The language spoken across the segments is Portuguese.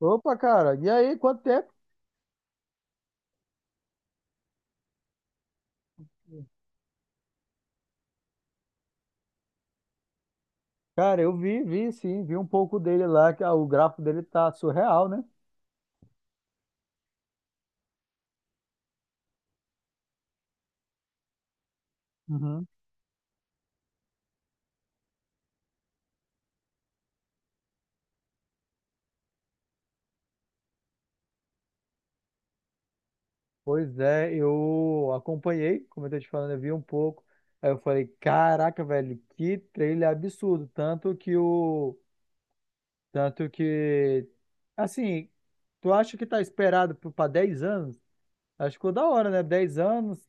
Opa, cara, e aí, quanto tempo? Cara, eu vi, vi sim, vi um pouco dele lá, que o gráfico dele tá surreal, né? Uhum. Pois é, eu acompanhei, como eu tô te falando, eu vi um pouco. Aí eu falei, caraca, velho, que trailer absurdo. Tanto que o. Tanto que. Assim, tu acha que tá esperado pra 10 anos? Acho que ficou da hora, né? 10 anos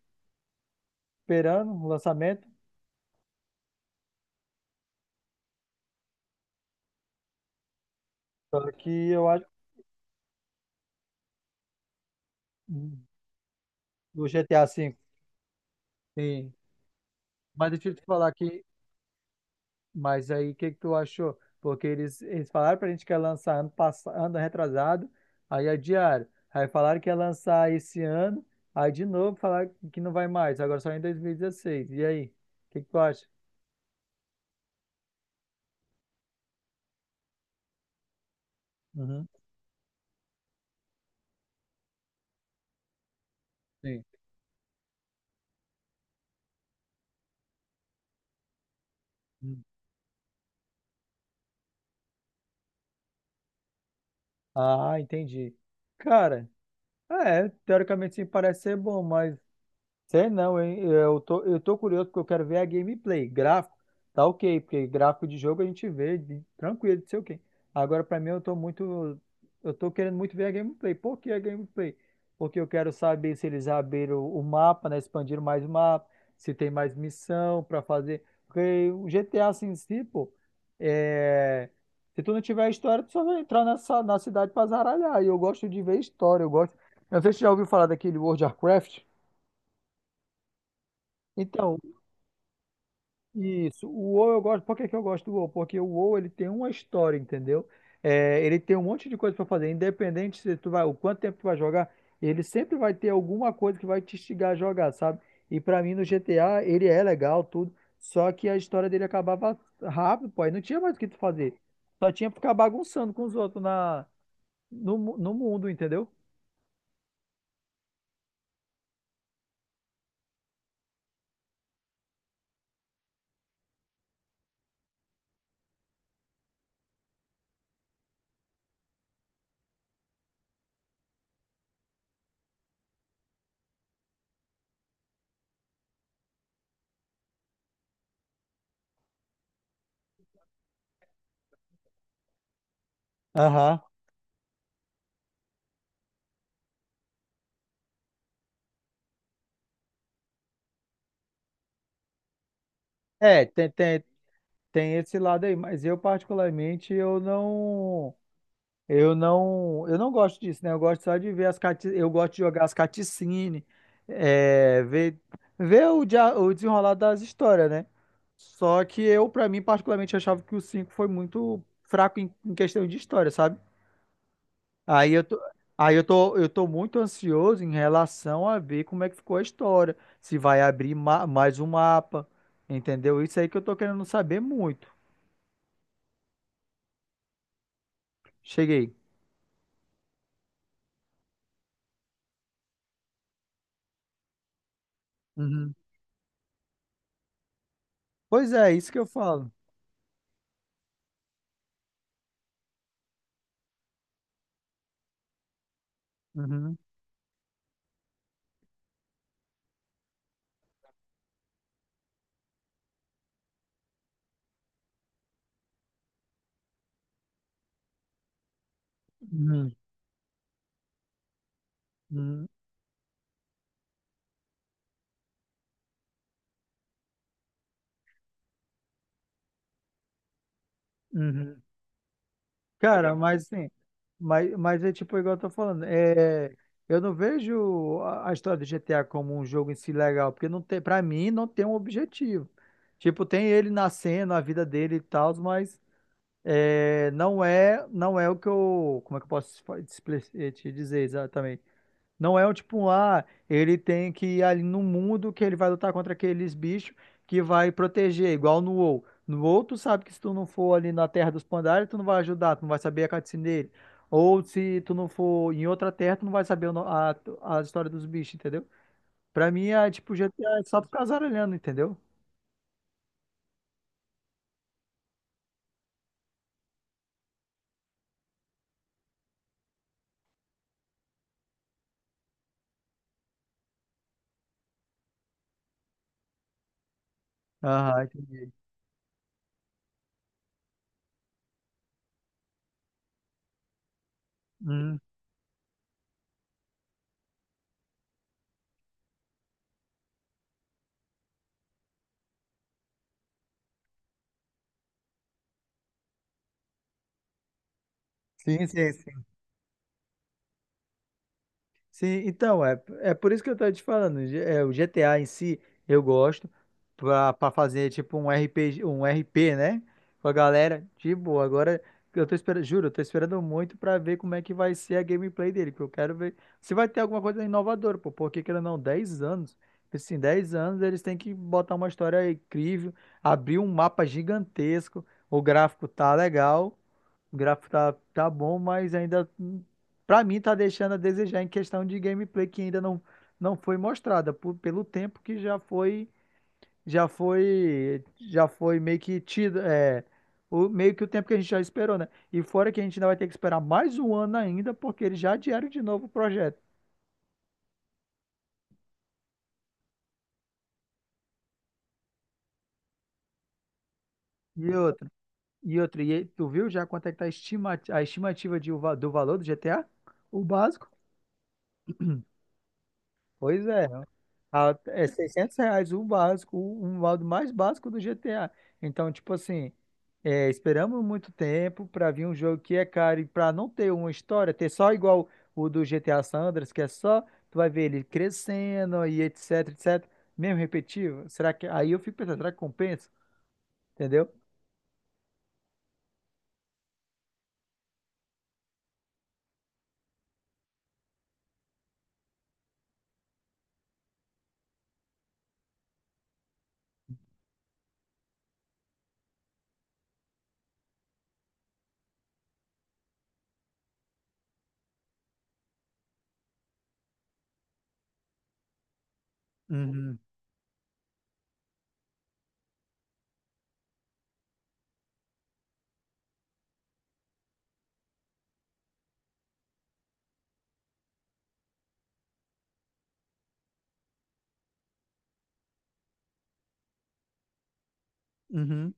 esperando o lançamento. Só que eu acho. Do GTA V. Sim. Mas deixa eu te falar que. Mas aí, o que que tu achou? Porque eles falaram pra gente que ia lançar ano, passado, ano retrasado, aí adiaram. Aí falaram que ia lançar esse ano, aí de novo falaram que não vai mais, agora só em dois mil e dezesseis. E aí, o que que tu acha? Uhum, sim. Hum. Ah, entendi. Cara, é, teoricamente sim, parece ser bom, mas. Sei não, hein? Eu tô curioso porque eu quero ver a gameplay. Gráfico, tá ok, porque gráfico de jogo a gente vê tranquilo, não sei o quê. Agora, pra mim, eu tô muito. Eu tô querendo muito ver a gameplay. Por que a gameplay? Porque eu quero saber se eles abriram o mapa, né? Expandiram mais o mapa, se tem mais missão pra fazer. Porque o GTA assim, em si, pô, é... Se tu não tiver a história, tu só vai entrar nessa, na cidade pra zaralhar. E eu gosto de ver história, eu gosto. Eu não sei se você já ouviu falar daquele World of Warcraft. Então, isso, o WoW eu gosto. Por que que eu gosto do WoW? Porque o WoW ele tem uma história, entendeu? É, ele tem um monte de coisa pra fazer, independente se tu vai, o quanto tempo tu vai jogar, ele sempre vai ter alguma coisa que vai te instigar a jogar, sabe? E pra mim no GTA ele é legal tudo, só que a história dele acabava rápido, pô, aí não tinha mais o que tu fazer. Só tinha pra ficar bagunçando com os outros na no, mu- no mundo, entendeu? Aham. É, tem esse lado aí, mas eu particularmente eu não. Eu não gosto disso, né? Eu gosto só de ver eu gosto de jogar as caticine, é, ver, ver o desenrolar das histórias, né? Só que eu, pra mim, particularmente, achava que o 5 foi muito fraco em questão de história, sabe? Aí eu tô, aí eu tô muito ansioso em relação a ver como é que ficou a história, se vai abrir mais um mapa, entendeu? Isso aí que eu tô querendo saber muito. Cheguei. Uhum. Pois é, isso que eu falo. Uhum. Uhum. Uhum. Uhum. Cara, mas assim, mas é tipo igual eu tô falando, eu não vejo a história do GTA como um jogo em si legal, porque não tem, para mim não tem um objetivo. Tipo, tem ele nascendo, a vida dele e tal, mas não é o que eu, como é que eu posso te dizer exatamente? Não é o tipo, ele tem que ir ali no mundo que ele vai lutar contra aqueles bichos que vai proteger, igual no WoW. No WoW, tu sabe que se tu não for ali na Terra dos Pandaria, tu não vai ajudar, tu não vai saber a cutscene dele. Ou se tu não for em outra terra, tu não vai saber o no- a história dos bichos, entendeu? Pra mim é tipo GTA, é só tu casar olhando, entendeu? Aham, entendi. Hum, sim, sim, sim. Sim, então, é por isso que eu tô te falando. O GTA em si, eu gosto pra fazer tipo um RPG, um RP, né? Com a galera, de boa. Agora, eu tô esperando, juro, eu tô esperando muito pra ver como é que vai ser a gameplay dele, que eu quero ver se vai ter alguma coisa inovadora, pô, porque querendo ou não, 10 anos, assim, 10 anos eles têm que botar uma história incrível, abrir um mapa gigantesco, o gráfico tá legal, o gráfico tá bom, mas ainda. Pra mim, tá deixando a desejar em questão de gameplay que ainda não foi mostrada, pelo tempo que já foi meio que tido, meio que o tempo que a gente já esperou, né? E fora que a gente ainda vai ter que esperar mais um ano ainda, porque eles já adiaram de novo o projeto. E outro, e outro, e tu viu já quanto é que tá a estimativa de, do valor do GTA? O básico? Pois é. É R$ 600 o básico, o modo mais básico do GTA. Então, tipo assim, esperamos muito tempo para vir um jogo que é caro e para não ter uma história, ter só igual o do GTA Sandras, que é só, tu vai ver ele crescendo e etc, etc, mesmo repetitivo. Será que, aí eu fico pensando, será que compensa? Entendeu? Uhum, uhum,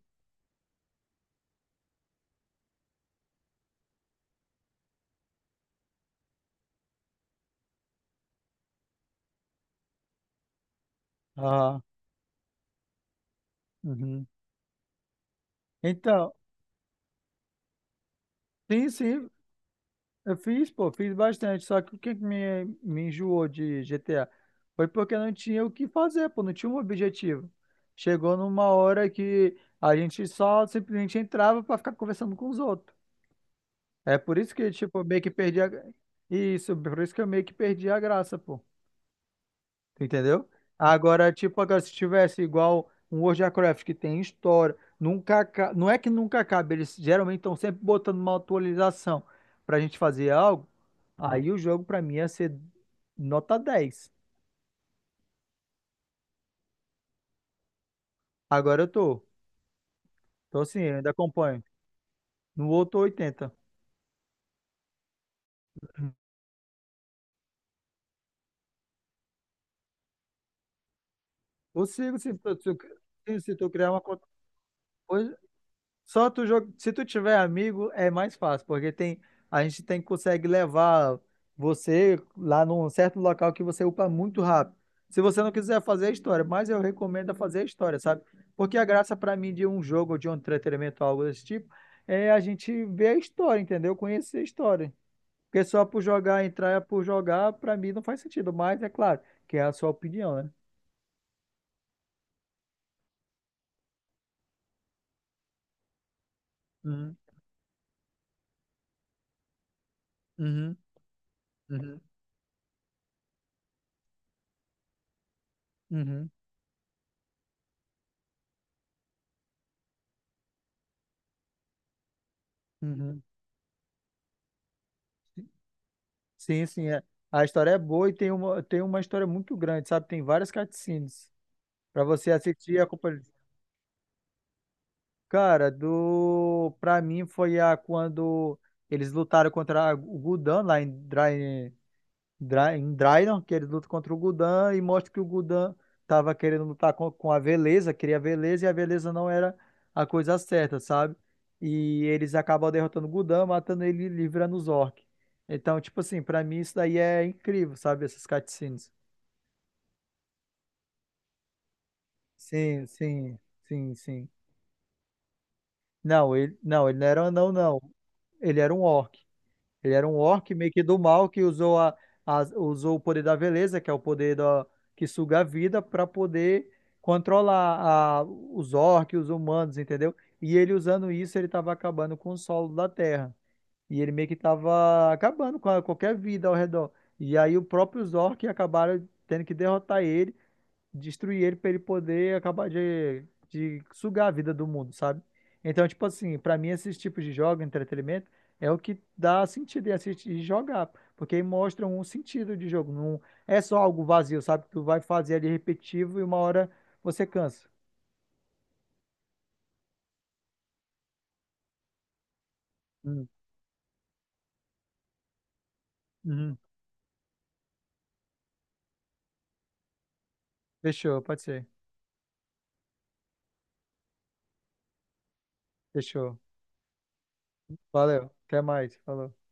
ah, uhum. Então, sim, sim. Eu fiz, pô, fiz bastante, só que o que que me enjoou de GTA foi porque não tinha o que fazer, pô, não tinha um objetivo. Chegou numa hora que a gente só simplesmente entrava pra ficar conversando com os outros. É por isso que, tipo, eu meio que perdi a. Isso, por isso que eu meio que perdi a graça, pô. Entendeu? Agora, tipo, agora se tivesse igual um World of Warcraft que tem história, nunca, aca- não é que nunca acaba, eles geralmente estão sempre botando uma atualização pra gente fazer algo, aí o jogo pra mim ia ser nota 10. Agora eu tô. Tô sim eu ainda acompanho. No outro 80. Consigo se tu criar uma conta. Só tu joga. Se tu tiver amigo, é mais fácil, porque tem a gente tem consegue levar você lá num certo local que você upa muito rápido. Se você não quiser fazer a história, mas eu recomendo é fazer a história, sabe? Porque a graça pra mim de um jogo ou de um entretenimento, algo desse tipo, é a gente ver a história, entendeu? Conhecer a história. Porque só por jogar, entrar por jogar, pra mim não faz sentido. Mas é claro, que é a sua opinião, né? Uhum, uhum, uhum, uhum, uhum. Sim, sim, é. A história é boa e tem uma história muito grande, sabe? Tem várias cutscenes para você assistir a acompanhar. Cara, do para mim foi a quando eles lutaram contra o Gudan lá em Draenor, que ele luta contra o Gudan e mostra que o Gudan estava querendo lutar com a Veleza, queria a Veleza e a Veleza não era a coisa certa, sabe? E eles acabam derrotando o Gudan, matando ele e livrando os orcs. Então, tipo assim, pra mim isso daí é incrível, sabe? Essas cutscenes. Sim, sim, sim, sim. Não, ele não, ele não era um anão, não. Ele era um orc. Ele era um orc meio que do mal que usou o poder da beleza, que é o poder da, que suga a vida, para poder controlar os orcs, os humanos, entendeu? E ele usando isso, ele estava acabando com o solo da Terra. E ele meio que estava acabando com qualquer vida ao redor. E aí os próprios orcs acabaram tendo que derrotar ele destruir ele pra ele poder acabar de sugar a vida do mundo, sabe? Então, tipo assim, pra mim esses tipos de jogos, entretenimento, é o que dá sentido em assistir e jogar, porque mostram um sentido de jogo, não é só algo vazio, sabe? Que tu vai fazer ali repetitivo e uma hora você cansa. Hum, uhum. Fechou, pode ser. Fechou. Valeu. Até mais. Falou.